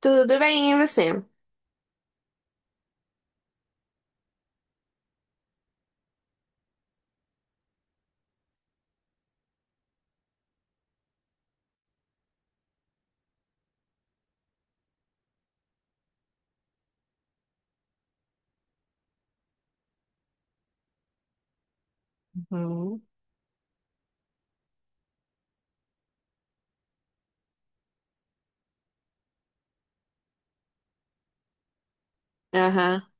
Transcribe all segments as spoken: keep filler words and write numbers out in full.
Tudo bem, e você? Aham.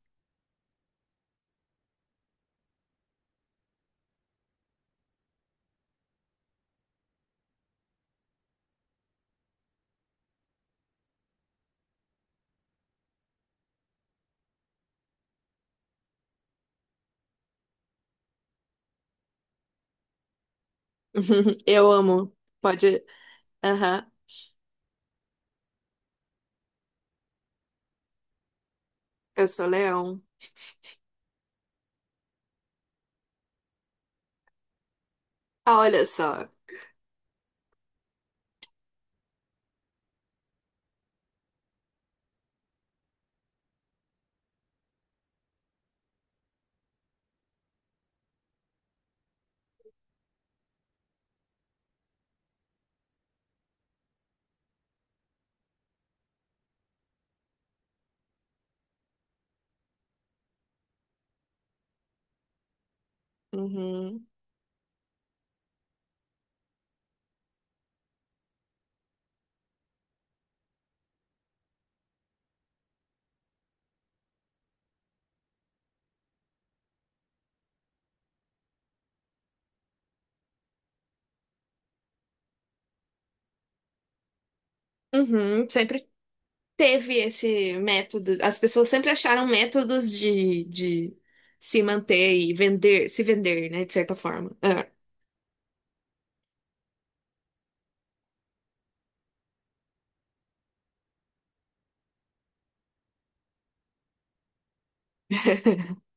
Eu amo. Pode. Aham. Eu sou leão. Ah, olha só. Uhum. Uhum. Sempre teve esse método. As pessoas sempre acharam métodos de de se manter e vender, se vender, né? De certa forma. Ah.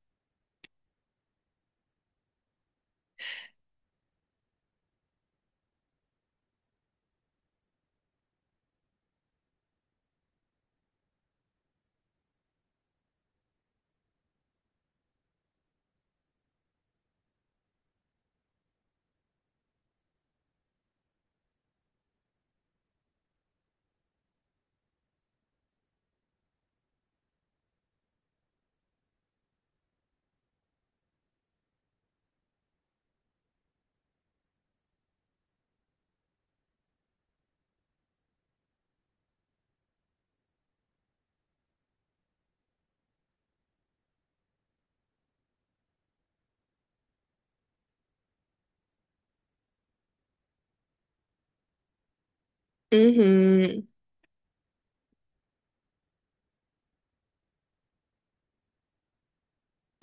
Uhum.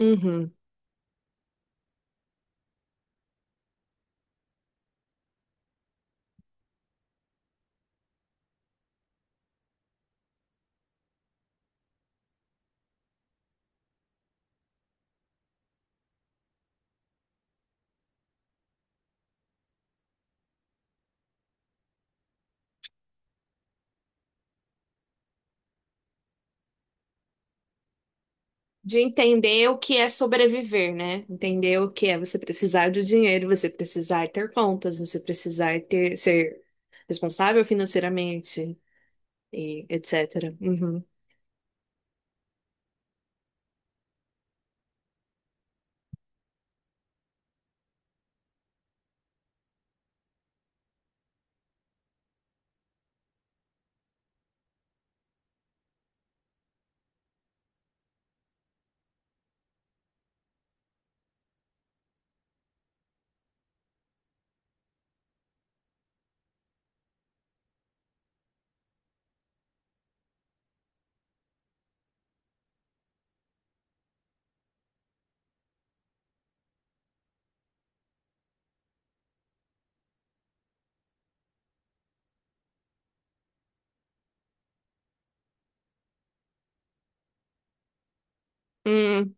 Uhum. De entender o que é sobreviver, né? Entender o que é você precisar de dinheiro, você precisar ter contas, você precisar ter, ser responsável financeiramente e etecetera. Uhum. Hum,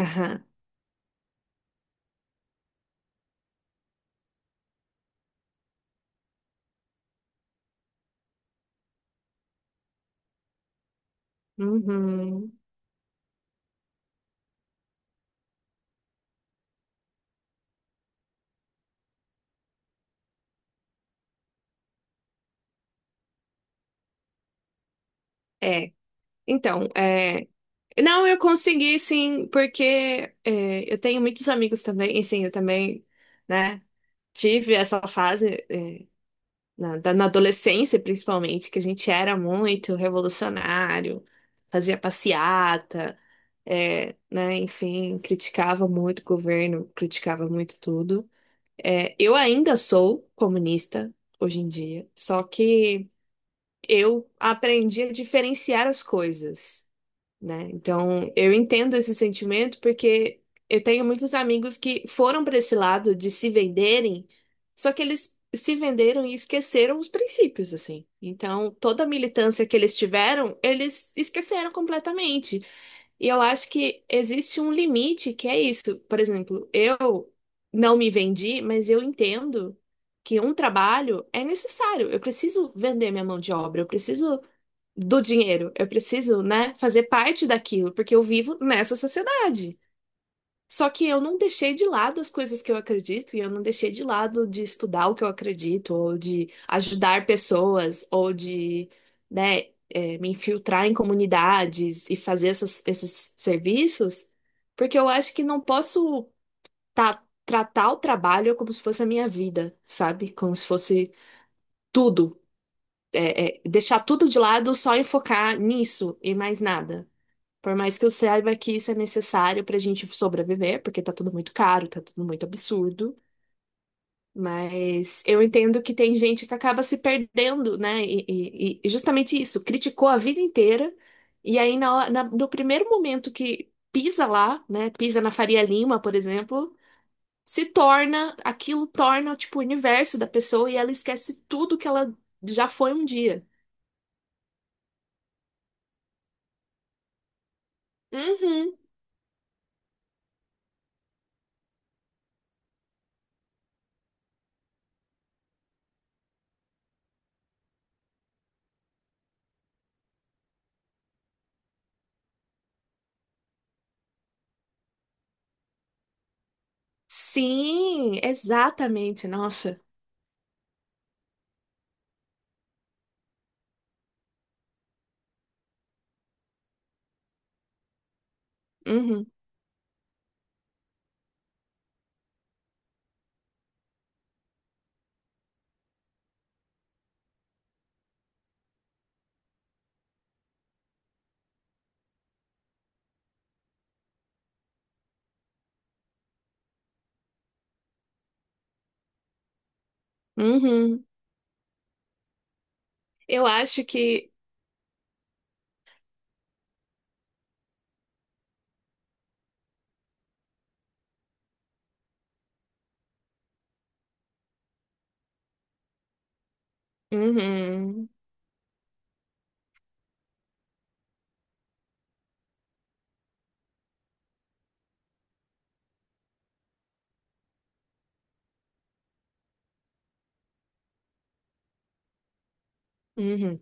aham, uhum. É, então, é... Não, eu consegui sim, porque é, eu tenho muitos amigos também, e sim, eu também, né, tive essa fase, é, Na, da- na adolescência, principalmente, que a gente era muito revolucionário, fazia passeata, é, né, enfim, criticava muito o governo, criticava muito tudo. É, eu ainda sou comunista hoje em dia, só que eu aprendi a diferenciar as coisas, né? Então, eu entendo esse sentimento, porque eu tenho muitos amigos que foram para esse lado de se venderem, só que eles se venderam e esqueceram os princípios, assim. Então, toda a militância que eles tiveram, eles esqueceram completamente. E eu acho que existe um limite que é isso. Por exemplo, eu não me vendi, mas eu entendo que um trabalho é necessário. Eu preciso vender minha mão de obra, eu preciso do dinheiro. Eu preciso, né, fazer parte daquilo, porque eu vivo nessa sociedade. Só que eu não deixei de lado as coisas que eu acredito e eu não deixei de lado de estudar o que eu acredito, ou de ajudar pessoas, ou de, né, eh, me infiltrar em comunidades e fazer essas- esses serviços, porque eu acho que não posso tá, tratar o trabalho como se fosse a minha vida, sabe? Como se fosse tudo, é, deixar tudo de lado, só enfocar nisso e mais nada. Por mais que eu saiba que isso é necessário para a gente sobreviver, porque tá tudo muito caro, tá tudo muito absurdo. Mas eu entendo que tem gente que acaba se perdendo, né? E, e- e justamente isso, criticou a vida inteira, e aí na, hora- na- no primeiro momento que pisa lá, né? Pisa na Faria Lima, por exemplo, se torna, aquilo torna, tipo, o universo da pessoa, e ela esquece tudo que ela já foi um dia. Uhum. Sim, exatamente, nossa. Uhum. Uhum. Eu acho que. Uhum, uhum,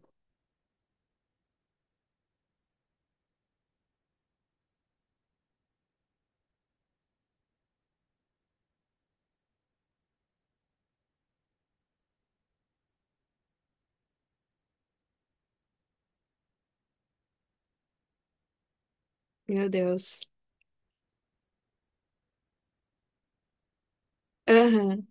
meu Deus. Aham.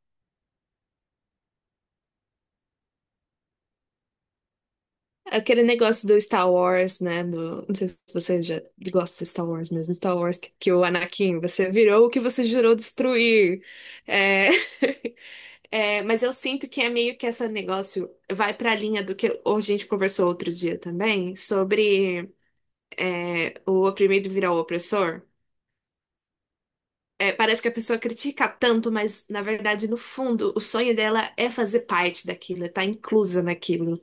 Aquele negócio do Star Wars, né? Do... Não sei se você já gosta de Star Wars, mas no Star Wars que, que o Anakin, você virou o que você jurou destruir. É... É, mas eu sinto que é meio que esse negócio vai para a linha do que a gente conversou outro dia também, sobre é, o oprimido virar o opressor. É, parece que a pessoa critica tanto, mas na verdade, no fundo, o sonho dela é fazer parte daquilo, é estar inclusa naquilo.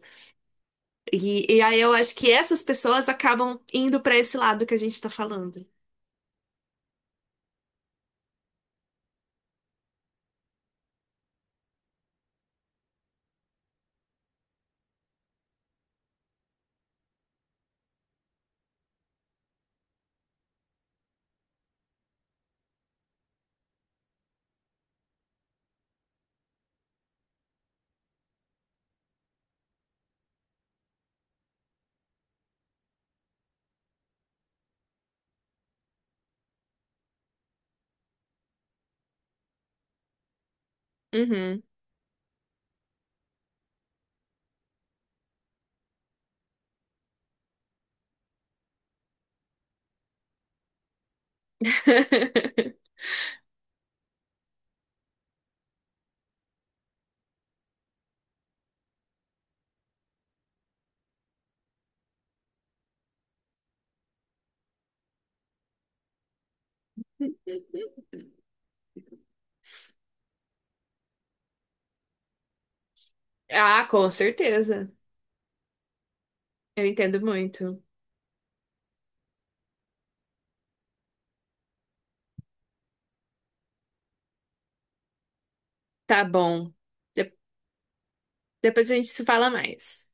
E, e aí eu acho que essas pessoas acabam indo para esse lado que a gente está falando. Uhum. Ah, com certeza. Eu entendo muito. Tá bom. De- Depois a gente se fala mais.